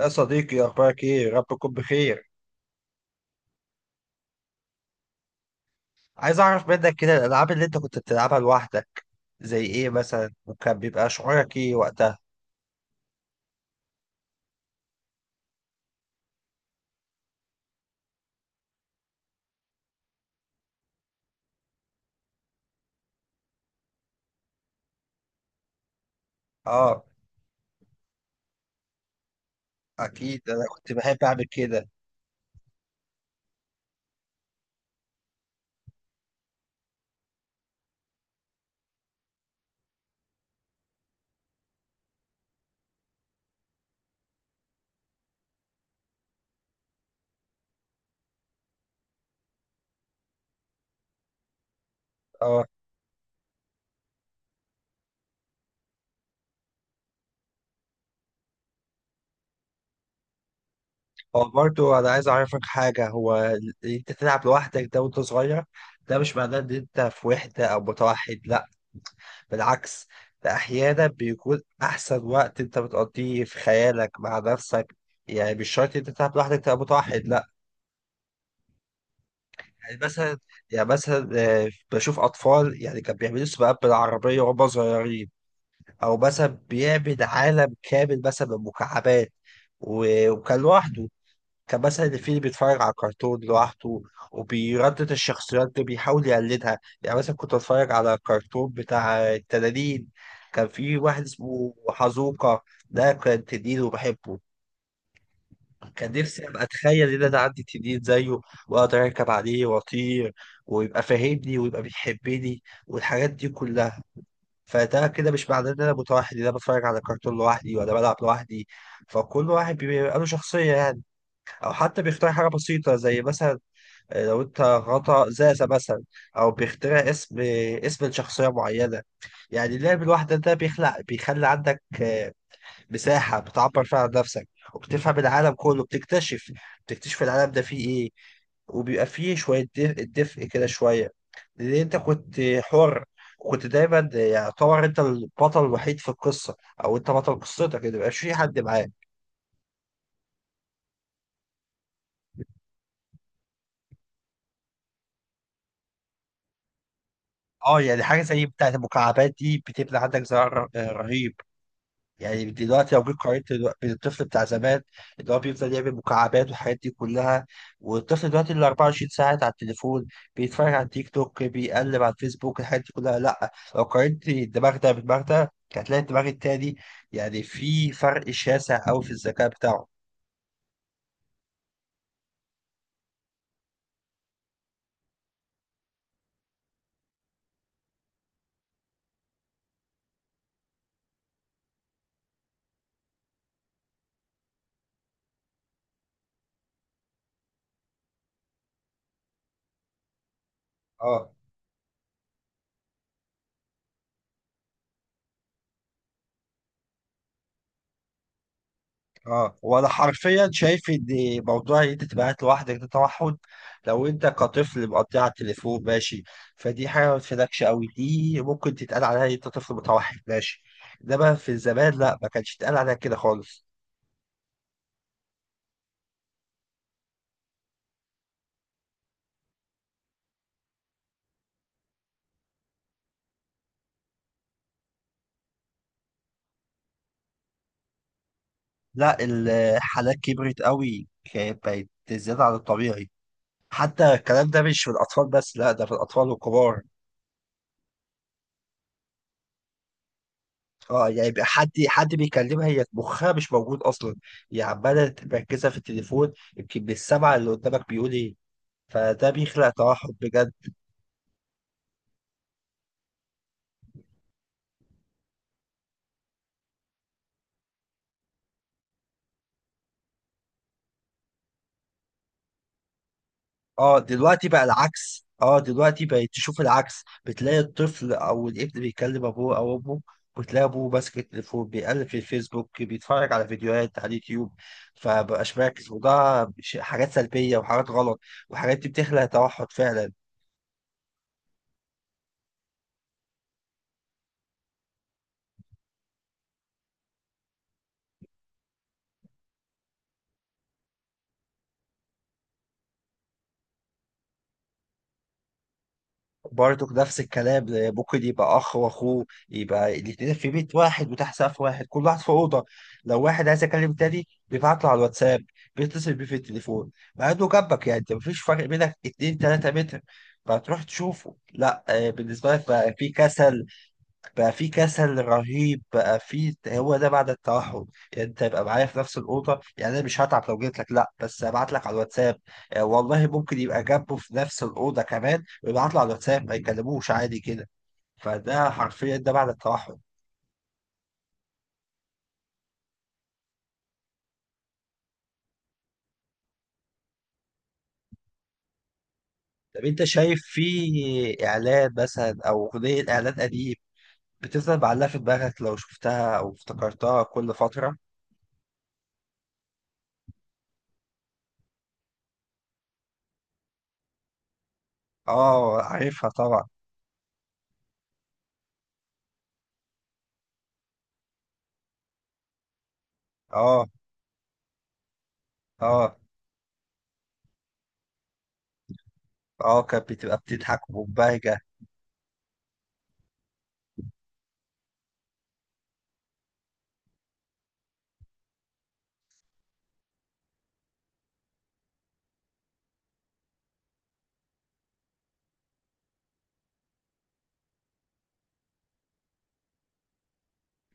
يا صديقي، اخبارك ايه؟ رب تكون بخير. عايز اعرف منك كده الالعاب اللي انت كنت بتلعبها لوحدك، زي ايه مثلا؟ وكان بيبقى شعورك ايه وقتها؟ اه، اكيد انا كنت بحب اعمل كده. اه، هو برضه انا عايز اعرفك حاجه. اللي انت تلعب لوحدك ده وانت صغير، ده مش معناه ان انت في وحده او متوحد، لا، بالعكس. ده احيانا بيكون احسن وقت انت بتقضيه في خيالك مع نفسك. يعني مش شرط انت تلعب لوحدك تبقى متوحد، لا. يعني مثلا يعني مثلا، بشوف اطفال يعني كان بيعملوا سباقات بالعربيه وهم صغيرين، او مثلا بيعمل عالم كامل مثلا من مكعبات، وكان لوحده. كان مثلا اللي فيه اللي بيتفرج على كرتون لوحده وبيردد الشخصيات دي بيحاول يقلدها. يعني مثلا كنت اتفرج على كرتون بتاع التنانين، كان في واحد اسمه حزوقة، ده كان تنين وبحبه. كان نفسي ابقى اتخيل ان انا عندي تنين زيه، واقدر اركب عليه واطير، ويبقى فاهمني ويبقى بيحبني والحاجات دي كلها. فده كده مش معناه ان انا متوحد، ان انا بتفرج على كرتون لوحدي ولا بلعب لوحدي. فكل واحد بيبقى له شخصية يعني، او حتى بيختار حاجة بسيطة زي مثلا، لو انت غطا زازة مثلا، او بيخترع اسم، اسم لشخصية معينة. يعني اللعب الواحدة ده بيخلي عندك، مساحة بتعبر فيها عن نفسك، وبتفهم العالم كله. بتكتشف العالم ده فيه ايه، وبيبقى فيه شوية دفء, دفء كده شوية. لأن أنت كنت حر، وكنت دايما يعتبر أنت البطل الوحيد في القصة، أو أنت بطل قصتك، ما بيبقاش في حد معاك. اه، يعني حاجة زي بتاعة المكعبات دي بتبني عندك زرع رهيب. يعني دلوقتي لو جيت قارنت، بين الطفل بتاع زمان اللي هو بيفضل يعمل مكعبات والحاجات دي كلها، والطفل دلوقتي اللي 24 ساعة على التليفون بيتفرج على تيك توك، بيقلب على الفيسبوك، الحاجات دي كلها، لا، لو قارنت الدماغ ده بالدماغ ده هتلاقي الدماغ التاني، يعني في فرق شاسع أوي في الذكاء بتاعه. اه. اه، وانا حرفيا شايف ان موضوع ان انت تبقى قاعد لوحدك ده توحد، لو انت كطفل مقضيها على التليفون، ماشي، فدي حاجه ما تفيدكش قوي، دي ممكن تتقال عليها إن انت طفل متوحد، ماشي. انما في الزمان لا، ما كانش يتقال عليها كده خالص. لا، الحالات كبرت قوي، كانت بقت زياده عن الطبيعي. حتى الكلام ده مش في الاطفال بس، لا، ده في الاطفال والكبار. اه، يعني يبقى حد بيكلمها، هي مخها مش موجود اصلا، هي عماله مركزه في التليفون، يمكن بالسمع اللي قدامك بيقول ايه، فده بيخلق توحد بجد. اه، دلوقتي بقى العكس. اه، دلوقتي بقيت تشوف العكس، بتلاقي الطفل او الابن بيكلم ابوه او امه، وتلاقي ابوه ماسك التليفون بيقلب في الفيسبوك، بيتفرج على فيديوهات على اليوتيوب، فمبقاش مركز، وده حاجات سلبية وحاجات غلط، وحاجات دي بتخلق توحد فعلا. بارتوك نفس الكلام، ممكن يبقى اخ واخوه يبقى الاثنين في بيت واحد وتحت سقف واحد، كل واحد في اوضه. لو واحد عايز يكلم تاني بيبعت له على الواتساب، بيتصل بيه في التليفون مع انه جنبك، يعني انت مفيش فرق بينك 2 3 متر فتروح تشوفه، لا، بالنسبه لك بقى في كسل، بقى في كسل رهيب، بقى في، هو ده بعد التوحد. يعني انت يبقى معايا في نفس الاوضه، يعني انا مش هتعب لو جيت لك، لا، بس ابعت لك على الواتساب. والله ممكن يبقى جنبه في نفس الاوضه كمان ويبعت له على الواتساب، ما يكلموش عادي كده. فده حرفيا ده بعد التوحد. طب انت شايف في اعلان مثلا او اغنيه اعلان قديم بتفضل معلقه في دماغك لو شفتها او افتكرتها كل فتره؟ اه، عارفها طبعا. اه. اه. اه، كانت بتبقى بتضحك ومبهجه.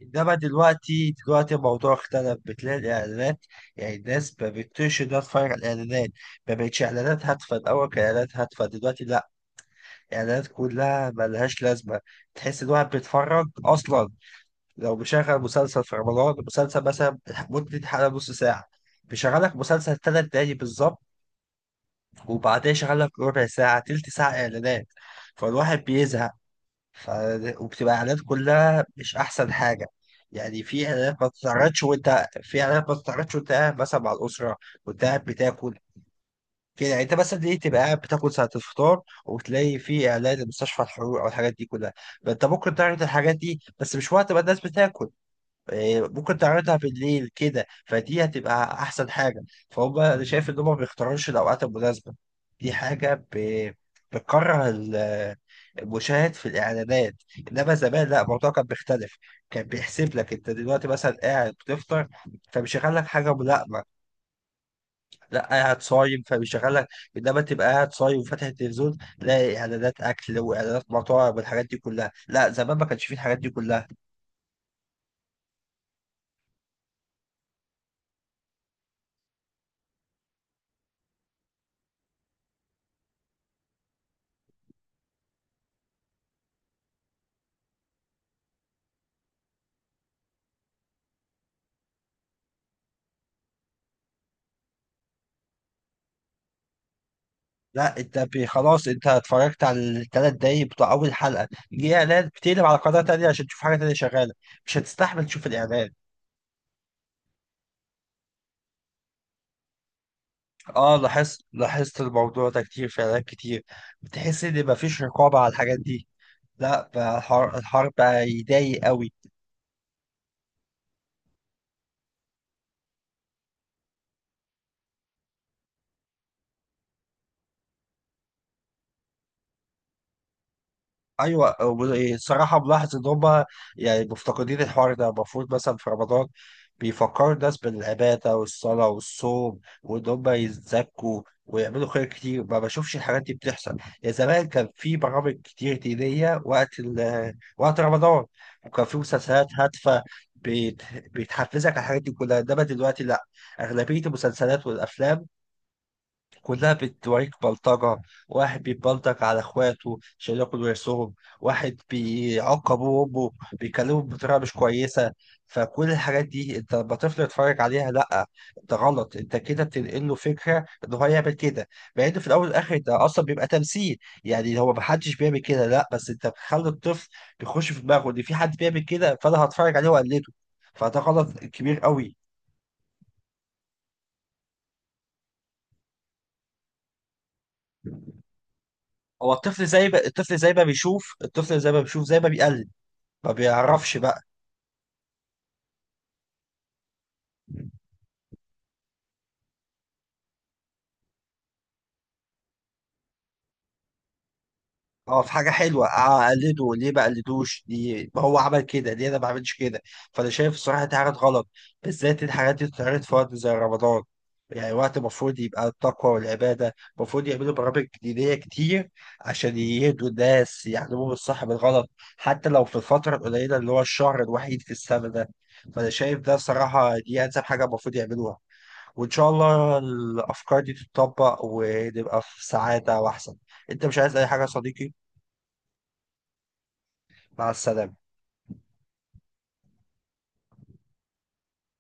انما دلوقتي الموضوع اختلف، بتلاقي الاعلانات، يعني الناس ما بتقدرش انها تتفرج على الاعلانات، ما بقتش اعلانات هادفه. الاول كانت اعلانات هادفه، دلوقتي لا، الاعلانات كلها ملهاش لازمه. تحس ان الواحد بيتفرج اصلا، لو بيشغل مسلسل في رمضان، مسلسل مثلا مدة حلقه نص ساعه، بيشغلك مسلسل 3 دقايق بالظبط، وبعدين يشغلك ربع ساعه تلت ساعه اعلانات، فالواحد بيزهق، ف... وبتبقى اعلانات كلها مش احسن حاجه. يعني في اعلانات ما بتتعرضش وانت قاعد مثلا مع الاسره، وانت قاعد بتاكل، كده. يعني انت مثلا ليه تبقى قاعد بتاكل ساعه الفطار وتلاقي في اعلان لمستشفى الحروق او الحاجات دي كلها؟ فانت ممكن تعرض الحاجات دي بس مش وقت ما الناس بتاكل. ممكن تعرضها بالليل كده، فدي هتبقى احسن حاجه. فهم انا شايف ان هم ما بيختاروش الاوقات المناسبه. دي حاجه بتكره المشاهد في الاعلانات. انما زمان لا، الموضوع كان بيختلف، كان بيحسب لك انت دلوقتي مثلا قاعد بتفطر فبيشغل لك حاجه ملائمه، لا قاعد صايم فبيشغل لك. انما تبقى قاعد صايم وفاتح التلفزيون تلاقي اعلانات اكل واعلانات مطاعم والحاجات دي كلها، لا، زمان ما كانش فيه الحاجات دي كلها. لا، انت خلاص انت اتفرجت على ال3 دقايق بتوع اول حلقه، دي اعلان، بتقلب على قناه تانية عشان تشوف حاجه تانية شغاله، مش هتستحمل تشوف الاعلان. اه، لاحظت الموضوع ده كتير، في اعلانات كتير بتحس ان مفيش رقابه على الحاجات دي. لا بقى الحوار، بقى يضايق قوي. ايوه، وصراحه ملاحظ ان هم يعني مفتقدين الحوار ده. المفروض مثلا في رمضان بيفكروا الناس بالعباده والصلاه والصوم، وان هم يتزكوا ويعملوا خير كتير، ما بشوفش الحاجات دي بتحصل. يا زمان كان في برامج كتير دينيه وقت وقت رمضان، وكان في مسلسلات هادفه بت... بتحفزك على الحاجات دي كلها. انما دلوقتي لا، اغلبيه المسلسلات والافلام كلها بتوريك بلطجة. واحد بيبلطج على اخواته عشان ياكل ورثهم، واحد بيعاقب امه، بيكلمه بطريقة مش كويسة. فكل الحاجات دي انت لما طفل يتفرج عليها، لا، انت غلط، انت كده بتنقل له فكرة ان هو يعمل كده، مع ان في الاول والاخر ده اصلا بيبقى تمثيل. يعني هو محدش بيعمل كده، لا، بس انت بتخلي الطفل يخش في دماغه ان في حد بيعمل كده، فانا هتفرج عليه واقلده، فده غلط كبير قوي. هو الطفل زي ما بيشوف زي ما بيقلد، ما بيعرفش بقى. هو في حاجة حلوة أقلده ليه، بقلدوش ليه، ما هو عمل كده ليه، أنا ما بعملش كده. فأنا شايف الصراحة دي حاجات غلط، بالذات الحاجات دي بتتعرض في وقت زي رمضان. يعني وقت المفروض يبقى التقوى والعبادة، المفروض يعملوا برامج دينية كتير عشان يهدوا الناس، يعلموهم الصح من الغلط، حتى لو في الفترة القليلة اللي هو الشهر الوحيد في السنة ده. فأنا شايف ده صراحة دي أنسب حاجة المفروض يعملوها، وان شاء الله الافكار دي تتطبق ونبقى في سعادة واحسن. انت مش عايز اي حاجة يا صديقي؟ مع السلامة.